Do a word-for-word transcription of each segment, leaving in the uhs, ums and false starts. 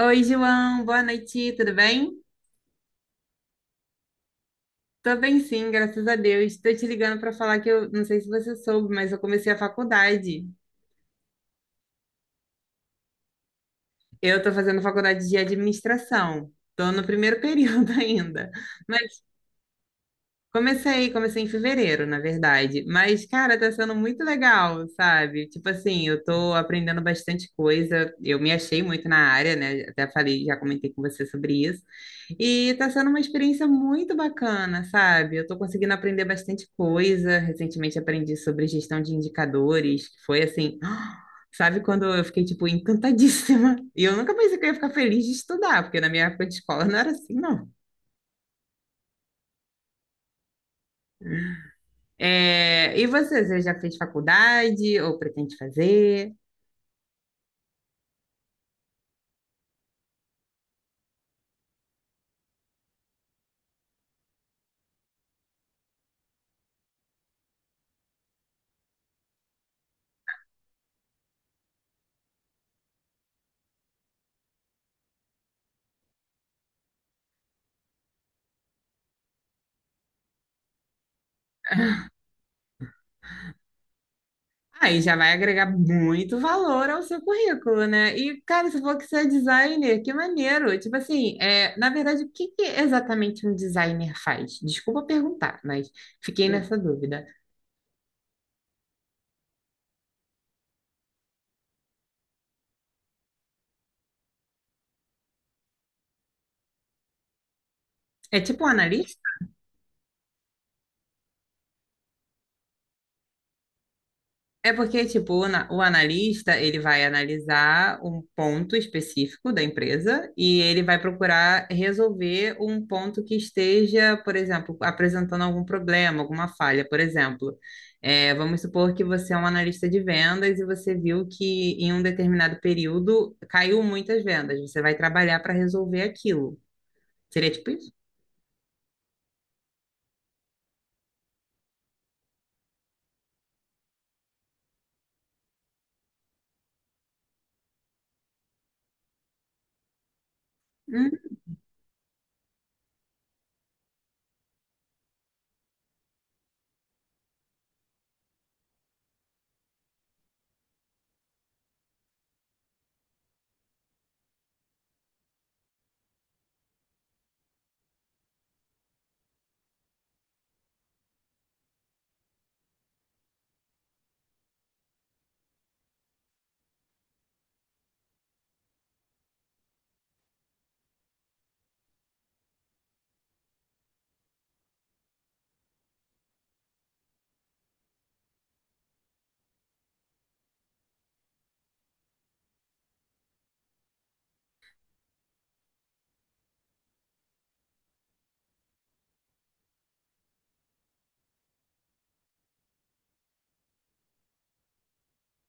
Oi, João, boa noite, tudo bem? Tô bem sim, graças a Deus. Tô te ligando para falar que eu não sei se você soube, mas eu comecei a faculdade. Eu tô fazendo faculdade de administração. Tô no primeiro período ainda. Comecei, comecei em fevereiro, na verdade. Mas, cara, tá sendo muito legal, sabe? Tipo assim, eu tô aprendendo bastante coisa. Eu me achei muito na área, né? Até falei, já comentei com você sobre isso. E tá sendo uma experiência muito bacana, sabe? Eu tô conseguindo aprender bastante coisa. Recentemente aprendi sobre gestão de indicadores, que foi assim. Sabe quando eu fiquei, tipo, encantadíssima? E eu nunca pensei que eu ia ficar feliz de estudar, porque na minha época de escola não era assim, não. É, e você, você já fez faculdade ou pretende fazer? Aí já vai agregar muito valor ao seu currículo, né? E, cara, se for que você é designer, que maneiro! Tipo assim, é, na verdade, o que que exatamente um designer faz? Desculpa perguntar, mas fiquei nessa dúvida. É tipo um analista? É porque, tipo, o ana- o analista, ele vai analisar um ponto específico da empresa e ele vai procurar resolver um ponto que esteja, por exemplo, apresentando algum problema, alguma falha. Por exemplo, é, vamos supor que você é um analista de vendas e você viu que em um determinado período caiu muitas vendas. Você vai trabalhar para resolver aquilo. Seria tipo isso? Hum.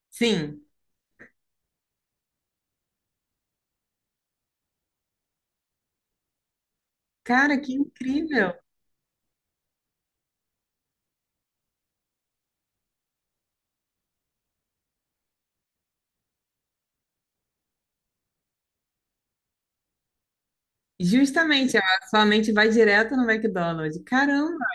Sim. Cara, que incrível! Justamente, a sua mente vai direto no McDonald's. Caramba!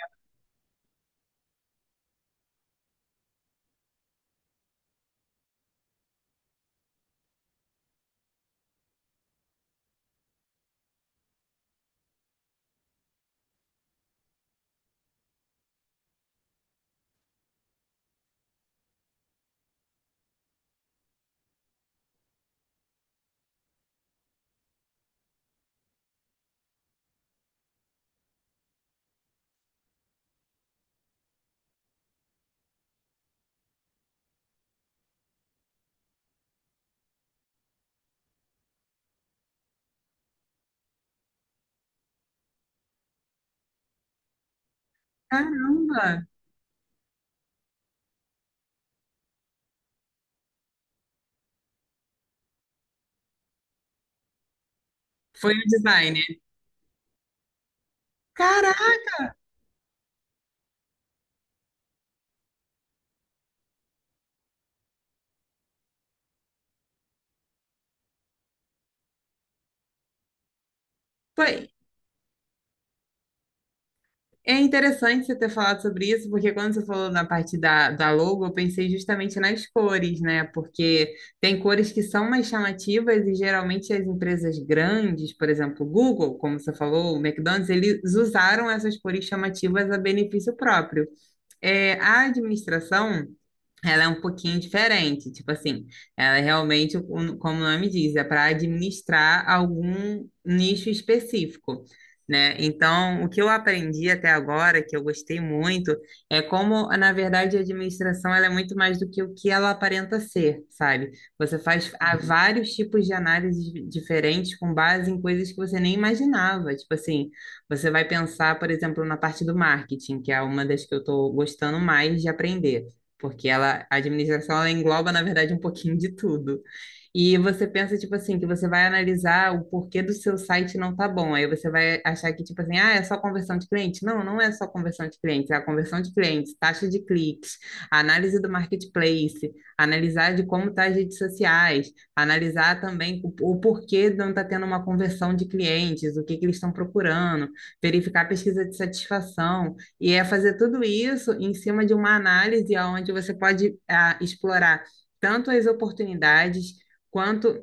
Caramba! Foi o designer. Caraca! Foi. É interessante você ter falado sobre isso, porque quando você falou na parte da, da logo, eu pensei justamente nas cores, né? Porque tem cores que são mais chamativas e geralmente as empresas grandes, por exemplo, o Google, como você falou, o McDonald's, eles usaram essas cores chamativas a benefício próprio. É, a administração. Ela é um pouquinho diferente, tipo assim, ela é realmente, o- como o nome diz, é para administrar algum nicho específico, né? Então, o que eu aprendi até agora, que eu gostei muito, é como, na verdade, a administração ela é muito mais do que o que ela aparenta ser, sabe? Você faz há Uhum. vários tipos de análises di- diferentes com base em coisas que você nem imaginava. Tipo assim, você vai pensar, por exemplo, na parte do marketing, que é uma das que eu estou gostando mais de aprender porque ela, a administração ela engloba, na verdade, um pouquinho de tudo. E você pensa, tipo assim, que você vai analisar o porquê do seu site não tá bom. Aí você vai achar que, tipo assim, ah, é só conversão de cliente. Não, não é só conversão de clientes, é a conversão de clientes, taxa de cliques, a análise do marketplace, analisar de como tá as redes sociais, analisar também o, o porquê não tá tendo uma conversão de clientes, o que que eles estão procurando, verificar a pesquisa de satisfação. E é fazer tudo isso em cima de uma análise onde você pode ah, explorar tanto as oportunidades quanto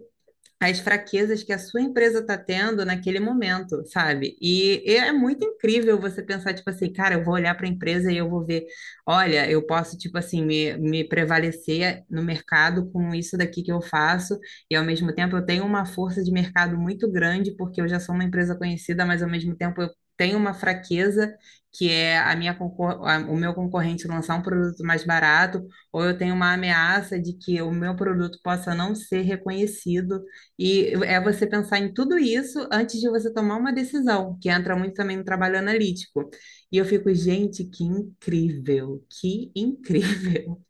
as fraquezas que a sua empresa está tendo naquele momento, sabe? E e é muito incrível você pensar, tipo assim, cara, eu vou olhar para a empresa e eu vou ver, olha, eu posso, tipo assim, me, me prevalecer no mercado com isso daqui que eu faço, e ao mesmo tempo eu tenho uma força de mercado muito grande, porque eu já sou uma empresa conhecida, mas ao mesmo tempo eu tenho uma fraqueza, que é a minha concor- a- o meu concorrente lançar um produto mais barato, ou eu tenho uma ameaça de que o meu produto possa não ser reconhecido. E é você pensar em tudo isso antes de você tomar uma decisão, que entra muito também no trabalho analítico. E eu fico, gente, que incrível, que incrível.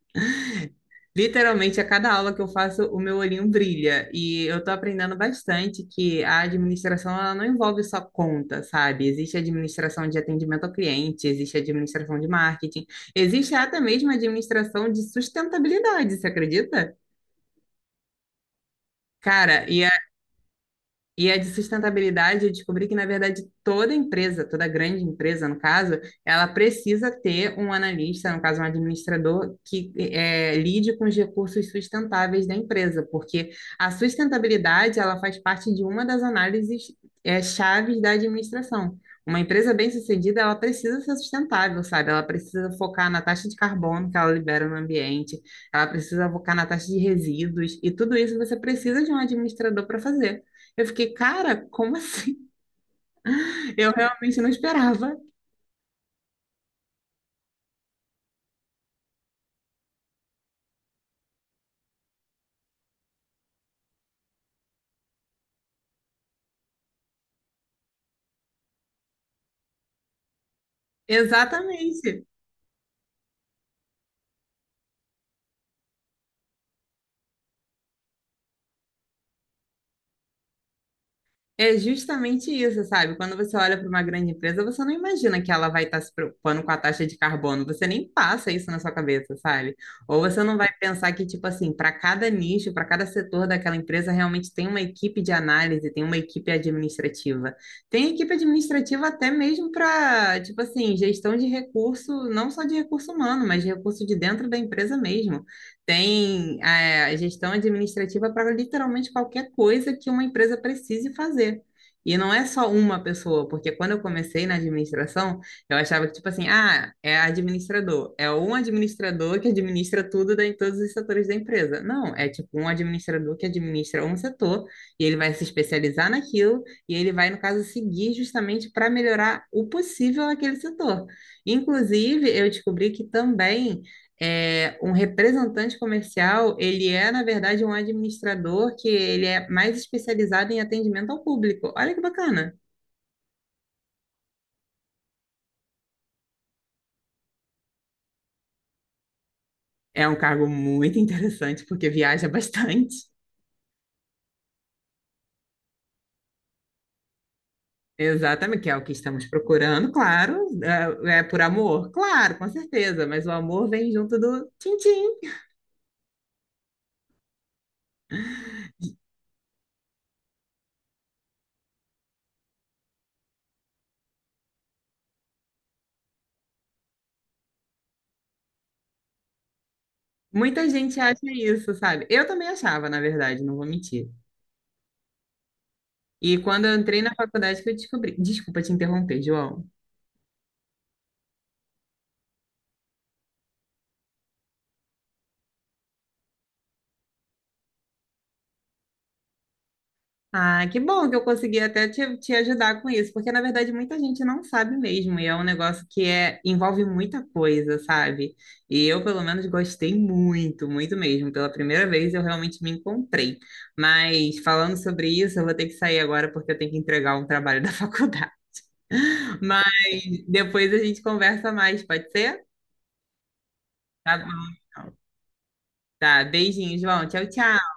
Literalmente, a cada aula que eu faço, o meu olhinho brilha. E eu tô aprendendo bastante que a administração, ela não envolve só conta, sabe? Existe administração de atendimento ao cliente, existe administração de marketing, existe até mesmo administração de sustentabilidade, você acredita? Cara, e E a de sustentabilidade, eu descobri que, na verdade, toda empresa, toda grande empresa, no caso, ela precisa ter um analista, no caso, um administrador, que eh, eh, lide com os recursos sustentáveis da empresa, porque a sustentabilidade, ela faz parte de uma das análises eh, chaves da administração. Uma empresa bem-sucedida, ela precisa ser sustentável, sabe? Ela precisa focar na taxa de carbono que ela libera no ambiente, ela precisa focar na taxa de resíduos, e tudo isso você precisa de um administrador para fazer. Eu fiquei, cara, como assim? Eu realmente não esperava. Exatamente. É justamente isso, sabe? Quando você olha para uma grande empresa, você não imagina que ela vai estar se preocupando com a taxa de carbono. Você nem passa isso na sua cabeça, sabe? Ou você não vai pensar que, tipo assim, para cada nicho, para cada setor daquela empresa, realmente tem uma equipe de análise, tem uma equipe administrativa. Tem equipe administrativa até mesmo para, tipo assim, gestão de recurso, não só de recurso humano, mas de recurso de dentro da empresa mesmo. Tem é, gestão administrativa para literalmente qualquer coisa que uma empresa precise fazer. E não é só uma pessoa, porque quando eu comecei na administração, eu achava que, tipo assim, ah, é administrador. É um administrador que administra tudo da- em todos os setores da empresa. Não, é tipo um administrador que administra um setor e ele vai se especializar naquilo e ele vai, no caso, seguir justamente para melhorar o possível naquele setor. Inclusive, eu descobri que também é, um representante comercial, ele é, na verdade, um administrador que ele é mais especializado em atendimento ao público. Olha que bacana. É um cargo muito interessante porque viaja bastante. Exatamente, que é o que estamos procurando, claro. É, é por amor, claro, com certeza, mas o amor vem junto do tchim-tchim. Muita gente acha isso, sabe? Eu também achava, na verdade, não vou mentir. E quando eu entrei na faculdade que eu descobri. Desculpa te interromper, João. Ah, que bom que eu consegui até te, te ajudar com isso, porque na verdade muita gente não sabe mesmo, e é um negócio que é, envolve muita coisa, sabe? E eu, pelo menos, gostei muito, muito mesmo. Pela primeira vez eu realmente me encontrei. Mas falando sobre isso, eu vou ter que sair agora porque eu tenho que entregar um trabalho da faculdade. Mas depois a gente conversa mais, pode ser? Tá bom. Então. Tá, beijinho, João. Tchau, tchau.